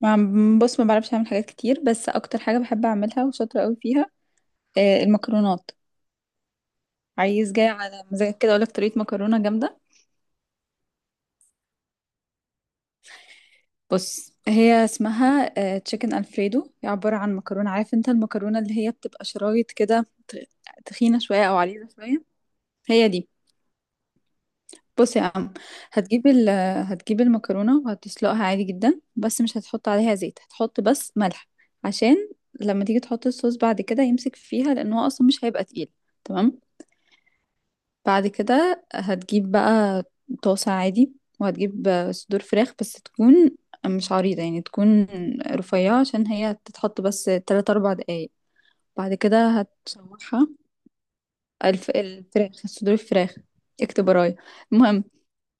بص، ما بعرفش اعمل حاجات كتير، بس اكتر حاجه بحب اعملها وشاطره قوي فيها، المكرونات. عايز جاي على مزاجك كده اقول لك طريقه مكرونه جامده. بص هي اسمها تشيكن الفريدو. هي عباره عن مكرونه، عارف انت المكرونه اللي هي بتبقى شرايط كده، تخينه شويه او عريضه شويه. هي دي. بص يا عم، هتجيب ال هتجيب المكرونه وهتسلقها عادي جدا، بس مش هتحط عليها زيت، هتحط بس ملح عشان لما تيجي تحط الصوص بعد كده يمسك فيها، لان هو اصلا مش هيبقى تقيل. تمام. بعد كده هتجيب بقى طاسة عادي، وهتجيب صدور فراخ بس تكون مش عريضة، يعني تكون رفيعة عشان هي تتحط بس تلات أربع دقايق. بعد كده هتشوحها. الفراخ، صدور الفراخ، اكتب ورايا. المهم،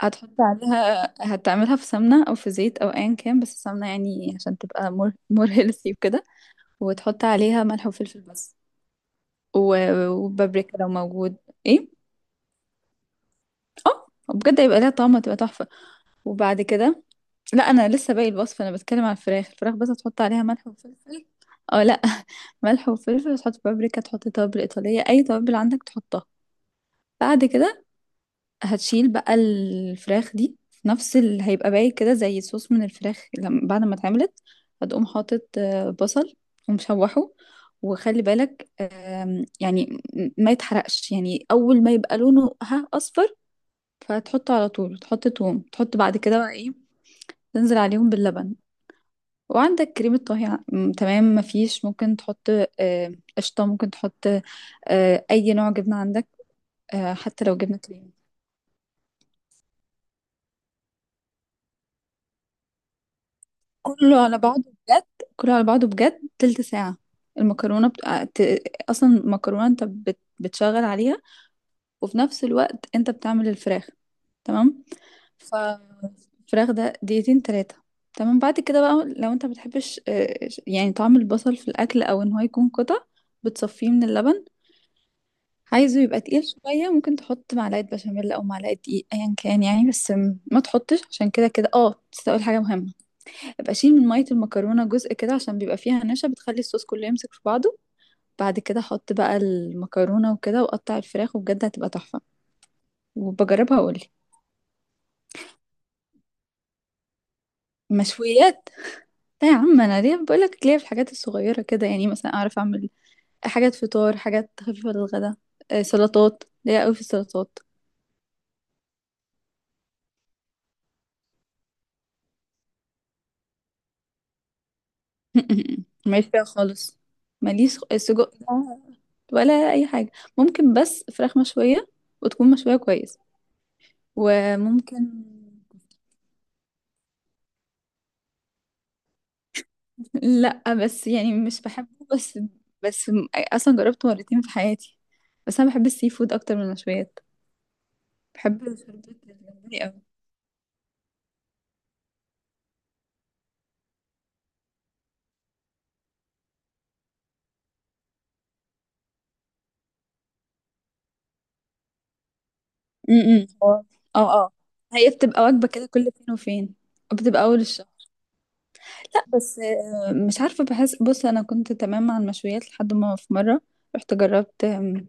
هتحط عليها، هتعملها في سمنة أو في زيت أو أيا كان، بس السمنة يعني عشان تبقى مور مور هيلثي وكده، وتحط عليها ملح وفلفل بس، و... وبابريكا لو موجود. ايه، اه. بجد هيبقى ليها طعم، هتبقى تحفة. وبعد كده، لا انا لسه باقي الوصفه، انا بتكلم عن الفراخ الفراخ، بس هتحط عليها ملح وفلفل. اه لا، ملح وفلفل، تحط بابريكا، تحط توابل ايطاليه، اي توابل عندك تحطها. بعد كده هتشيل بقى الفراخ دي في نفس اللي هيبقى باقي كده، زي صوص من الفراخ لما بعد ما اتعملت. هتقوم حاطط بصل ومشوحه، وخلي بالك يعني ما يتحرقش، يعني اول ما يبقى لونه اصفر، فهتحطه على طول، تحط توم، تحط بعد كده بقى ايه، تنزل عليهم باللبن. وعندك كريمة طهي تمام، مفيش ممكن تحط آه، قشطة، ممكن تحط أي نوع جبنة عندك، حتى لو جبنة كريم. كله على بعضه بجد، كله على بعضه بجد تلت ساعة. المكرونة أصلا المكرونة أنت بتشغل عليها، وفي نفس الوقت أنت بتعمل الفراخ. تمام. ف، الفراخ ده دقيقتين تلاتة. تمام. بعد كده بقى، لو أنت مبتحبش يعني طعم البصل في الأكل، أو إن هو يكون قطع، بتصفيه من اللبن. عايزه يبقى تقيل شوية، ممكن تحط معلقة بشاميل أو معلقة دقيق، أيا كان يعني، بس ما تحطش عشان كده كده. اه بس أقول حاجة مهمة: ابقى شيل من مية المكرونة جزء كده، عشان بيبقى فيها نشا بتخلي الصوص كله يمسك في بعضه. بعد كده حط بقى المكرونة وكده وقطع الفراخ، وبجد هتبقى تحفة. وبجربها وأقولي. مشويات؟ لا يا عم، أنا ليه بقولك، ليه في الحاجات الصغيرة كده، يعني مثلا أعرف أعمل حاجات فطار، حاجات خفيفة للغدا، سلطات، ليا أوي في السلطات. ماليش فيها خالص. ماليش، السجق ده ولا اي حاجه. ممكن بس فراخ مشويه، وتكون مشويه كويس. وممكن، لا بس يعني مش بحبه. بس، اصلا جربته مرتين في حياتي، بس انا بحب السي فود اكتر من المشويات. بحب شوربه الجمبري قوي. اه، اه. هي بتبقى وجبه كده كل فين وفين، بتبقى اول الشهر. لا بس مش عارفة، بحس، بص أنا كنت تمام مع المشويات لحد ما في مرة رحت جربت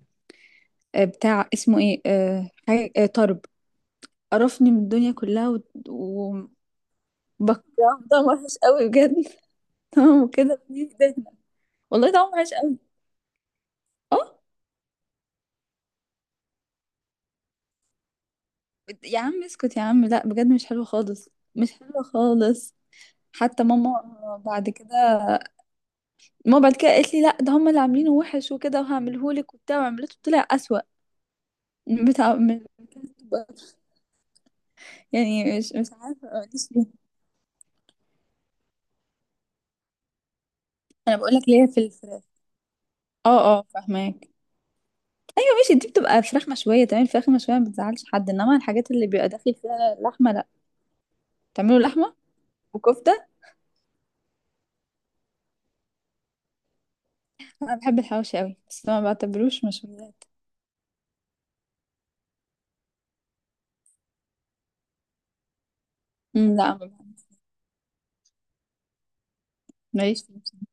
بتاع اسمه ايه، حاجة، طرب. قرفني من الدنيا كلها وبكرهه، طعم وحش قوي بجد. طعمه كده في دهنة. والله طعمه وحش قوي. اه يا عم اسكت يا عم، لا بجد مش حلو خالص، مش حلو خالص. حتى ماما بعد كده، ماما بعد كده قالت لي لا ده هم اللي عاملينه وحش وكده، وهعمله لك وبتاع، وعملته طلع أسوأ. بتاع من، يعني مش عارفه اقولش ليه. انا بقول لك ليه في الفراخ. اه اه، فاهماك. أيوة ماشي، دي بتبقى فراخ مشويه، تمام. الفراخ المشويه ما بتزعلش حد، انما الحاجات اللي بيبقى داخل فيها لحمه لا. تعملوا لحمه وكفته. انا بحب الحواوشي قوي بس ما بعتبروش مشويات. لا ما بحب- ماليش فيه بصراحة.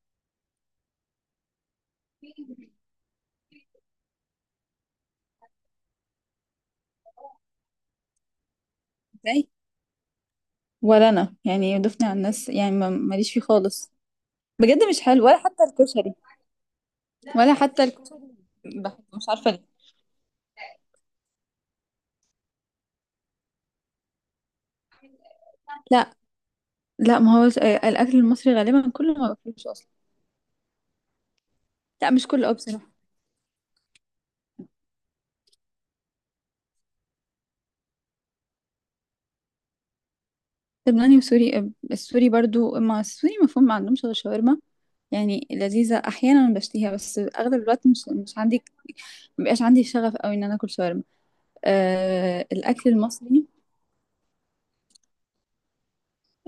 ازاي؟ ولا انا يعني ضفني على الناس يعني، ماليش فيه خالص بجد. مش حلو ولا حتى الكشري، ولا حتى الكشري بحبه، مش عارفه ليه. لا لا، ما هو الاكل المصري غالبا كله ما باكلوش اصلا. لا مش كله أوي بصراحة. لبناني وسوري، السوري برضو ما، السوري مفهوم ما عندهمش غير شاورما، يعني لذيذة أحيانا بشتهيها بس أغلب الوقت مش عندي، مبقاش عندي شغف أوي إن أنا أكل شاورما. أه الأكل المصري.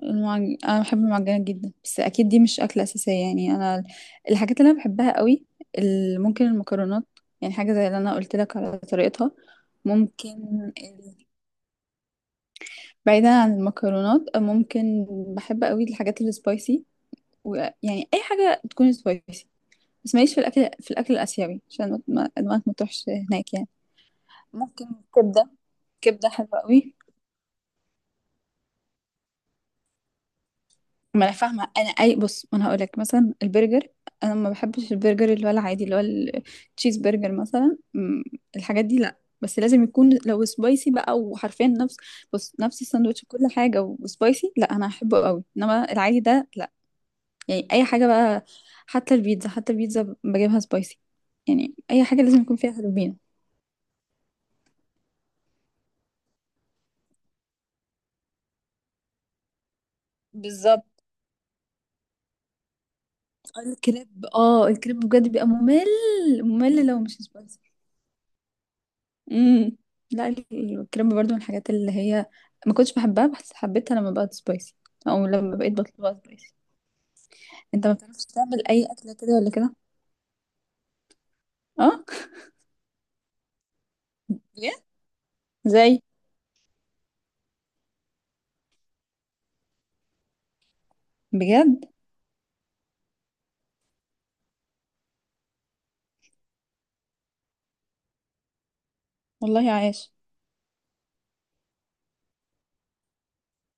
أنا بحب المعجنات جدا، بس أكيد دي مش أكلة أساسية. يعني أنا الحاجات اللي أنا بحبها أوي، ممكن المكرونات، يعني حاجة زي اللي أنا قلت لك على طريقتها. ممكن ال- بعيدا عن المكرونات، ممكن بحب أوي الحاجات السبايسي، ويعني أي حاجة تكون سبايسي. بس ماليش في الأكل، الآسيوي، عشان دماغك ما تروحش هناك يعني. ممكن كبدة، كبدة حلوة قوي. ما انا فاهمه انا، اي، بص انا هقول لك مثلا البرجر. انا ما بحبش البرجر اللي هو العادي، اللي هو التشيز برجر مثلا. الحاجات دي لا، بس لازم يكون لو سبايسي بقى، وحرفيا نفس، بص نفس الساندوتش كل حاجه وسبايسي، لا انا هحبه قوي، انما العادي ده لا. يعني اي حاجه بقى، حتى البيتزا، حتى البيتزا بجيبها سبايسي. يعني اي حاجه لازم يكون فيها هالوبينو. بالظبط. الكريب، اه الكريب بجد بيبقى ممل، ممل لو مش سبايسي. امم لا، الكريب برضو من الحاجات اللي هي ما كنتش بحبها، بس حبيتها لما بقت سبايسي، او لما بقيت بطلبها سبايسي. انت ما بتعرفش تعمل اي اكله كده ولا كده؟ اه بجد؟ زي؟ بجد. والله عايش.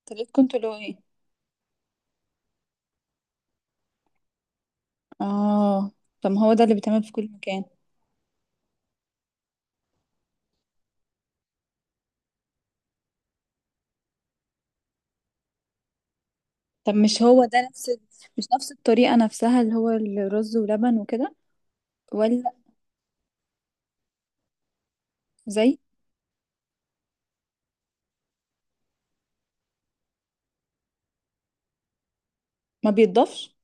طريقتكم كنتوا اللي هو ايه؟ اه. طب ما هو ده اللي بيتعمل في كل مكان. طب مش هو ده نفس، مش نفس الطريقه نفسها، اللي هو الرز ولبن وكده؟ ولا زي ما بيتضافش؟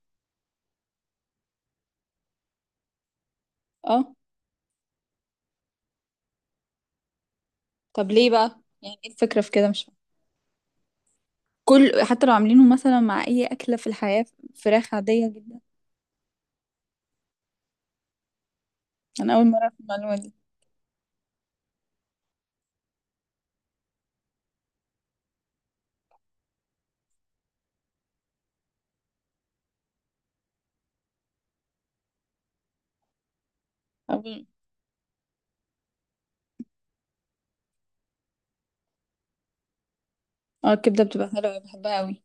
اه. طب ليه بقى، يعني ايه الفكرة في كده، مش فاهمة. كل حتى لو عاملينه مثلا مع اي اكلة في الحياة، فراخ عادية جدا. انا اول مرة في المعلومة دي. أول... اه الكبدة بتبقى حلوة، بحبها قوي.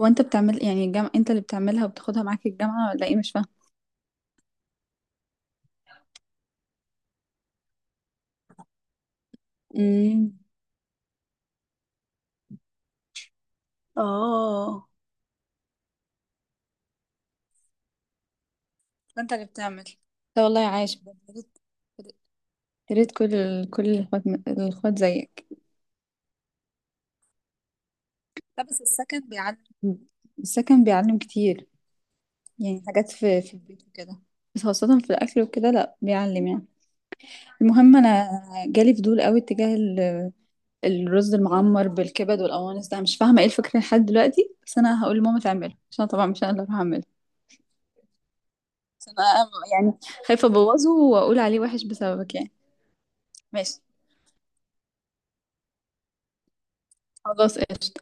هو انت بتعمل، يعني الجامعة انت اللي بتعملها وبتاخدها معاك الجامعة، ولا ايه؟ مش فاهمة. امم اه، انت اللي بتعمل. لا والله عايش بجد. يا ريت، يا ريت كل الاخوات، الاخوات زيك. لا بس السكن بيعلم، السكن بيعلم كتير، يعني حاجات في البيت وكده، بس خاصة في الأكل وكده لا بيعلم يعني. المهم انا جالي فضول قوي اتجاه الرز المعمر بالكبد والقوانص ده، أنا مش فاهمه ايه الفكره لحد دلوقتي، بس انا هقول لماما تعمله عشان أنا طبعا مش انا اللي هروح اعمله. بس انا يعني خايفه ابوظه واقول عليه وحش بسببك يعني. ماشي خلاص قشطه.